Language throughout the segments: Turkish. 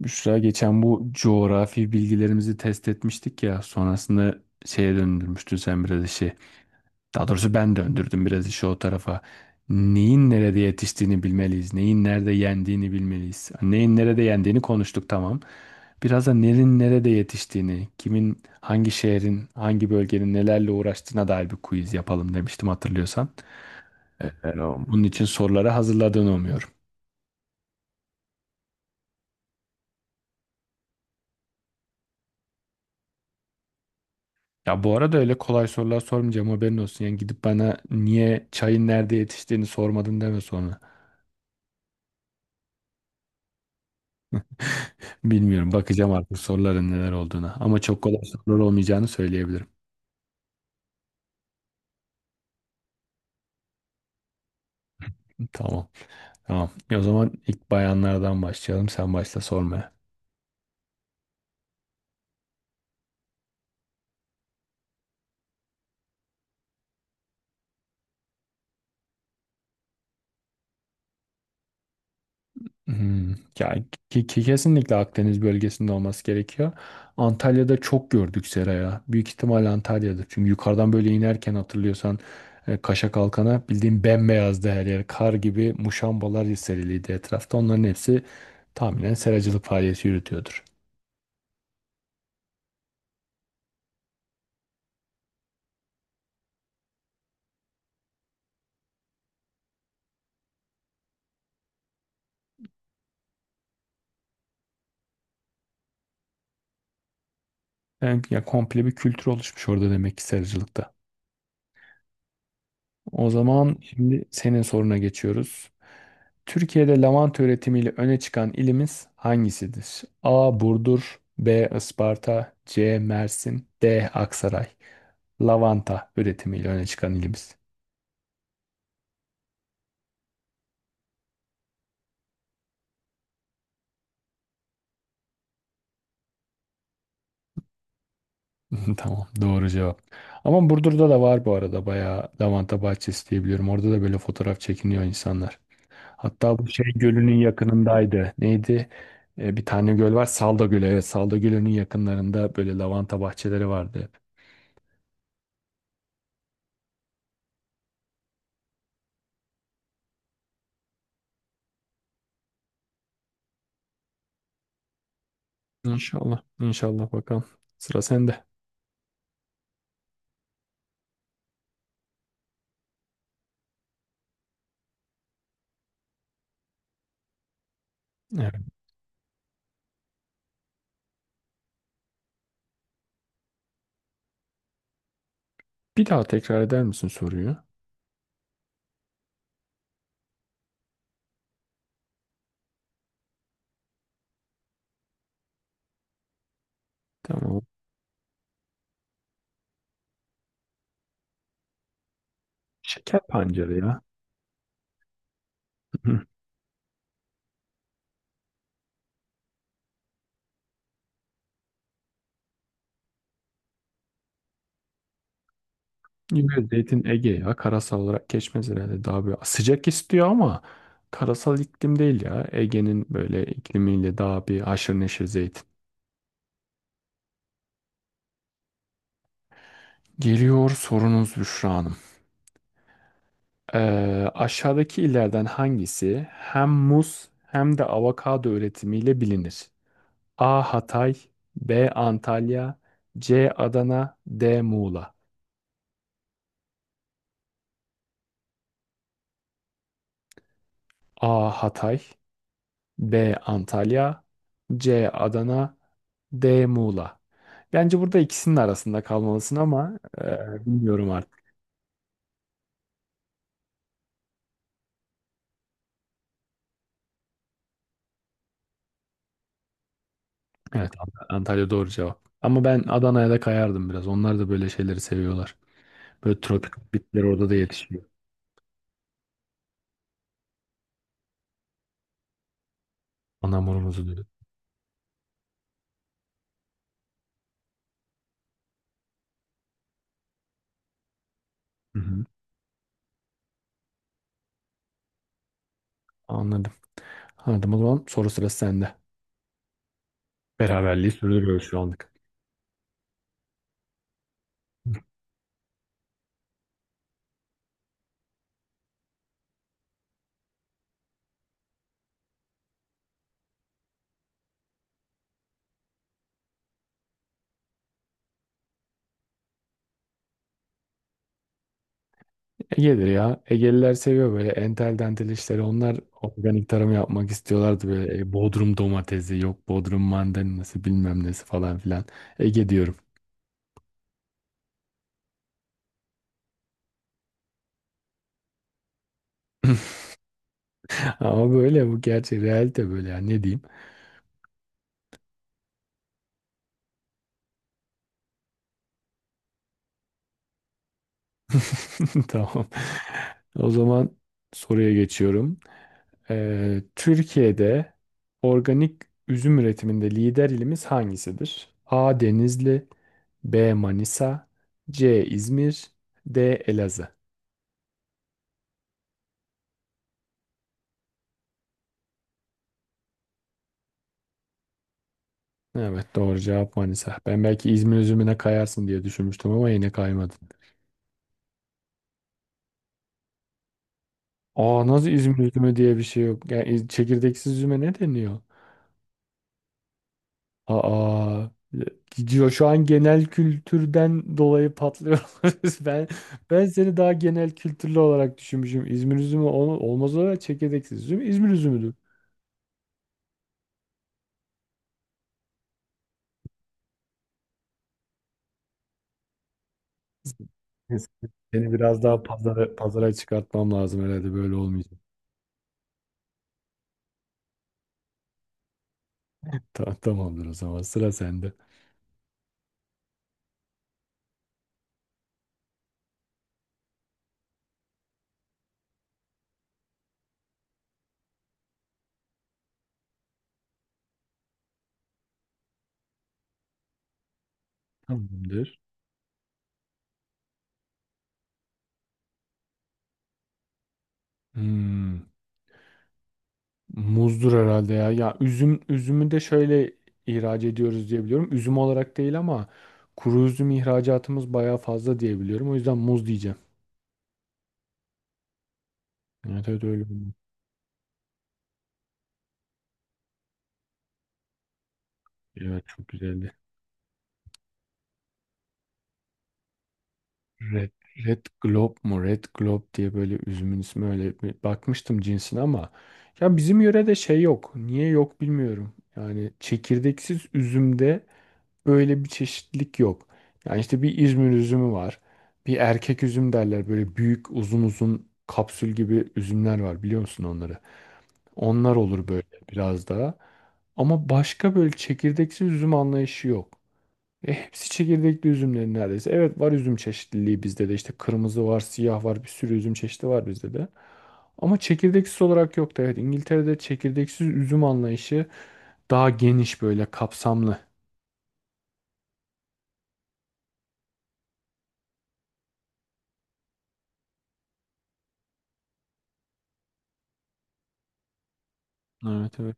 Büşra geçen bu coğrafi bilgilerimizi test etmiştik ya, sonrasında şeye döndürmüştün sen biraz işi. Daha doğrusu ben döndürdüm biraz işi o tarafa. Neyin nerede yetiştiğini bilmeliyiz. Neyin nerede yendiğini bilmeliyiz. Neyin nerede yendiğini konuştuk, tamam. Biraz da nerin nerede yetiştiğini, kimin, hangi şehrin, hangi bölgenin nelerle uğraştığına dair bir quiz yapalım demiştim, hatırlıyorsan. Bunun için soruları hazırladığını umuyorum. Ya bu arada öyle kolay sorular sormayacağım, haberin olsun. Yani gidip bana niye çayın nerede yetiştiğini sormadın deme sonra. Bilmiyorum, bakacağım artık soruların neler olduğuna. Ama çok kolay sorular olmayacağını söyleyebilirim. Tamam. Tamam. O zaman ilk bayanlardan başlayalım. Sen başla sormaya. Hmm, ya kesinlikle Akdeniz bölgesinde olması gerekiyor. Antalya'da çok gördük seraya. Büyük ihtimal Antalya'dır. Çünkü yukarıdan böyle inerken, hatırlıyorsan, Kaşa Kalkan'a bildiğin bembeyazdı her yer. Kar gibi muşambalar seriliydi etrafta. Onların hepsi tahminen seracılık faaliyeti yürütüyordur. Yani, ya, komple bir kültür oluşmuş orada demek ki seracılıkta. O zaman şimdi senin soruna geçiyoruz. Türkiye'de lavanta üretimiyle öne çıkan ilimiz hangisidir? A. Burdur, B. Isparta, C. Mersin, D. Aksaray. Lavanta üretimiyle öne çıkan ilimiz. Tamam, doğru cevap. Ama Burdur'da da var bu arada bayağı lavanta bahçesi, diyebiliyorum. Orada da böyle fotoğraf çekiniyor insanlar. Hatta bu şey gölünün yakınındaydı. Neydi? Bir tane göl var. Salda Gölü. Evet, Salda Gölü'nün yakınlarında böyle lavanta bahçeleri vardı hep. İnşallah. İnşallah, bakalım. Sıra sende. Evet. Bir daha tekrar eder misin soruyu? Tamam. Şeker pancarı ya. Hı. Yine zeytin Ege ya. Karasal olarak geçmez herhalde. Daha böyle sıcak istiyor ama karasal iklim değil ya. Ege'nin böyle iklimiyle daha bir haşır neşir zeytin. Geliyor sorunuz Büşra Hanım. Ee, aşağıdaki illerden hangisi hem muz hem de avokado üretimiyle bilinir? A. Hatay, B. Antalya, C. Adana, D. Muğla. A. Hatay, B. Antalya, C. Adana, D. Muğla. Bence burada ikisinin arasında kalmalısın ama bilmiyorum artık. Evet, Antalya doğru cevap. Ama ben Adana'ya da kayardım biraz. Onlar da böyle şeyleri seviyorlar. Böyle tropik bitkiler orada da yetişiyor. Anamurumuzu diyor. Hı hı. Anladım. Anladım, o zaman soru sırası sende. Beraberliği sürdürüyoruz şu anlık. Ege'dir ya. Egeliler seviyor böyle entel dantel işleri. Onlar organik tarım yapmak istiyorlardı böyle, Bodrum domatesi, yok Bodrum mandalinası, bilmem nesi falan filan. Ege diyorum. Ama böyle bu gerçek, realite böyle ya, ne diyeyim. Tamam. O zaman soruya geçiyorum. Türkiye'de organik üzüm üretiminde lider ilimiz hangisidir? A. Denizli, B. Manisa, C. İzmir, D. Elazığ. Evet, doğru cevap Manisa. Ben belki İzmir üzümüne kayarsın diye düşünmüştüm ama yine kaymadın. Aa, nasıl İzmir üzümü diye bir şey yok. Yani çekirdeksiz üzüme ne deniyor? Aa, gidiyor şu an, genel kültürden dolayı patlıyoruz. Ben seni daha genel kültürlü olarak düşünmüşüm. İzmir üzümü olmaz olarak, çekirdeksiz üzüm İzmir üzümüdür. Neyse, seni biraz daha pazara, pazara çıkartmam lazım herhalde, böyle olmayacak. Tamamdır, o zaman sıra sende. Tamamdır. Hmm. Muzdur herhalde ya. Ya üzüm, üzümü de şöyle ihraç ediyoruz diye biliyorum. Üzüm olarak değil ama kuru üzüm ihracatımız bayağı fazla diye biliyorum. O yüzden muz diyeceğim. Evet, evet, öyle oldu. Evet, çok güzeldi. Red, Red Globe mu? Red Globe diye, böyle üzümün ismi, öyle bir bakmıştım cinsine ama ya bizim yörede şey yok. Niye yok, bilmiyorum. Yani çekirdeksiz üzümde öyle bir çeşitlilik yok. Yani işte bir İzmir üzümü var. Bir erkek üzüm derler. Böyle büyük, uzun uzun, kapsül gibi üzümler var, biliyor musun onları? Onlar olur böyle biraz daha. Ama başka böyle çekirdeksiz üzüm anlayışı yok. E hepsi çekirdekli üzümlerin neredeyse. Evet, var üzüm çeşitliliği bizde de. İşte kırmızı var, siyah var, bir sürü üzüm çeşidi var bizde de. Ama çekirdeksiz olarak yok da, evet, İngiltere'de çekirdeksiz üzüm anlayışı daha geniş, böyle kapsamlı. Evet, evet.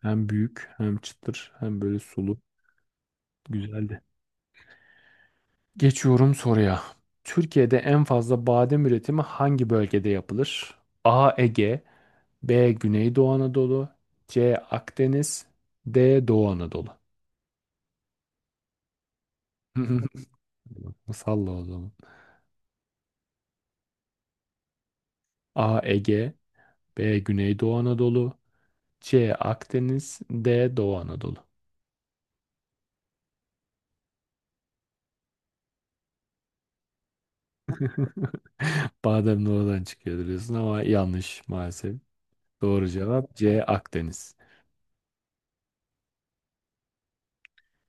Hem büyük, hem çıtır, hem böyle sulu. Güzeldi. Geçiyorum soruya. Türkiye'de en fazla badem üretimi hangi bölgede yapılır? A. Ege, B. Güneydoğu Anadolu, C. Akdeniz, D. Doğu Anadolu. Salla o zaman. A. Ege, B. Güneydoğu Anadolu, C. Akdeniz, D. Doğu Anadolu. Badem doğudan çıkıyor diyorsun ama yanlış maalesef. Doğru cevap C. Akdeniz.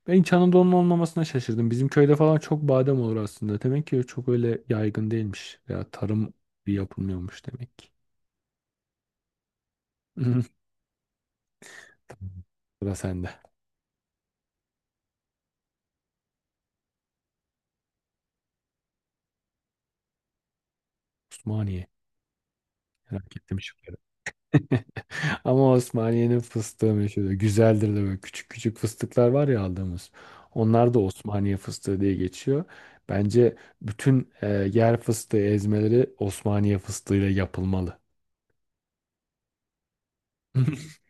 Ben İç Anadolu'nun olmamasına şaşırdım. Bizim köyde falan çok badem olur aslında. Demek ki çok öyle yaygın değilmiş. Veya tarım bir yapılmıyormuş demek ki. Hı. Tamam. Sıra sende. Osmaniye. Merak ettim şimdi. Ama Osmaniye'nin fıstığı meşhur. Güzeldir de, böyle küçük küçük fıstıklar var ya, aldığımız. Onlar da Osmaniye fıstığı diye geçiyor. Bence bütün yer fıstığı ezmeleri Osmaniye fıstığıyla yapılmalı.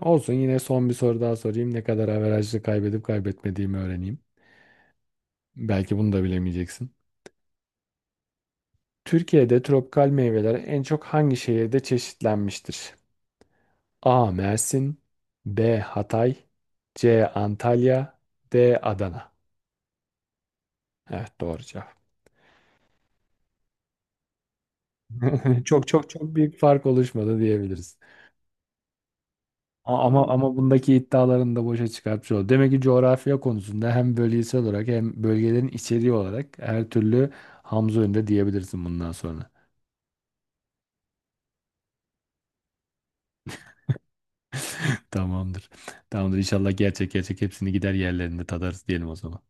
Olsun, yine son bir soru daha sorayım. Ne kadar averajlı kaybedip kaybetmediğimi öğreneyim. Belki bunu da bilemeyeceksin. Türkiye'de tropikal meyveler en çok hangi şehirde çeşitlenmiştir? A. Mersin, B. Hatay, C. Antalya, D. Adana. Evet, doğru cevap. Çok çok çok büyük fark oluşmadı diyebiliriz. Ama bundaki iddialarını da boşa çıkartmış oldu. Demek ki coğrafya konusunda hem bölgesel olarak hem bölgelerin içeriği olarak her türlü Hamza önünde diyebilirsin bundan sonra. Tamamdır. Tamamdır. İnşallah gerçek gerçek hepsini gider yerlerinde tadarız diyelim o zaman.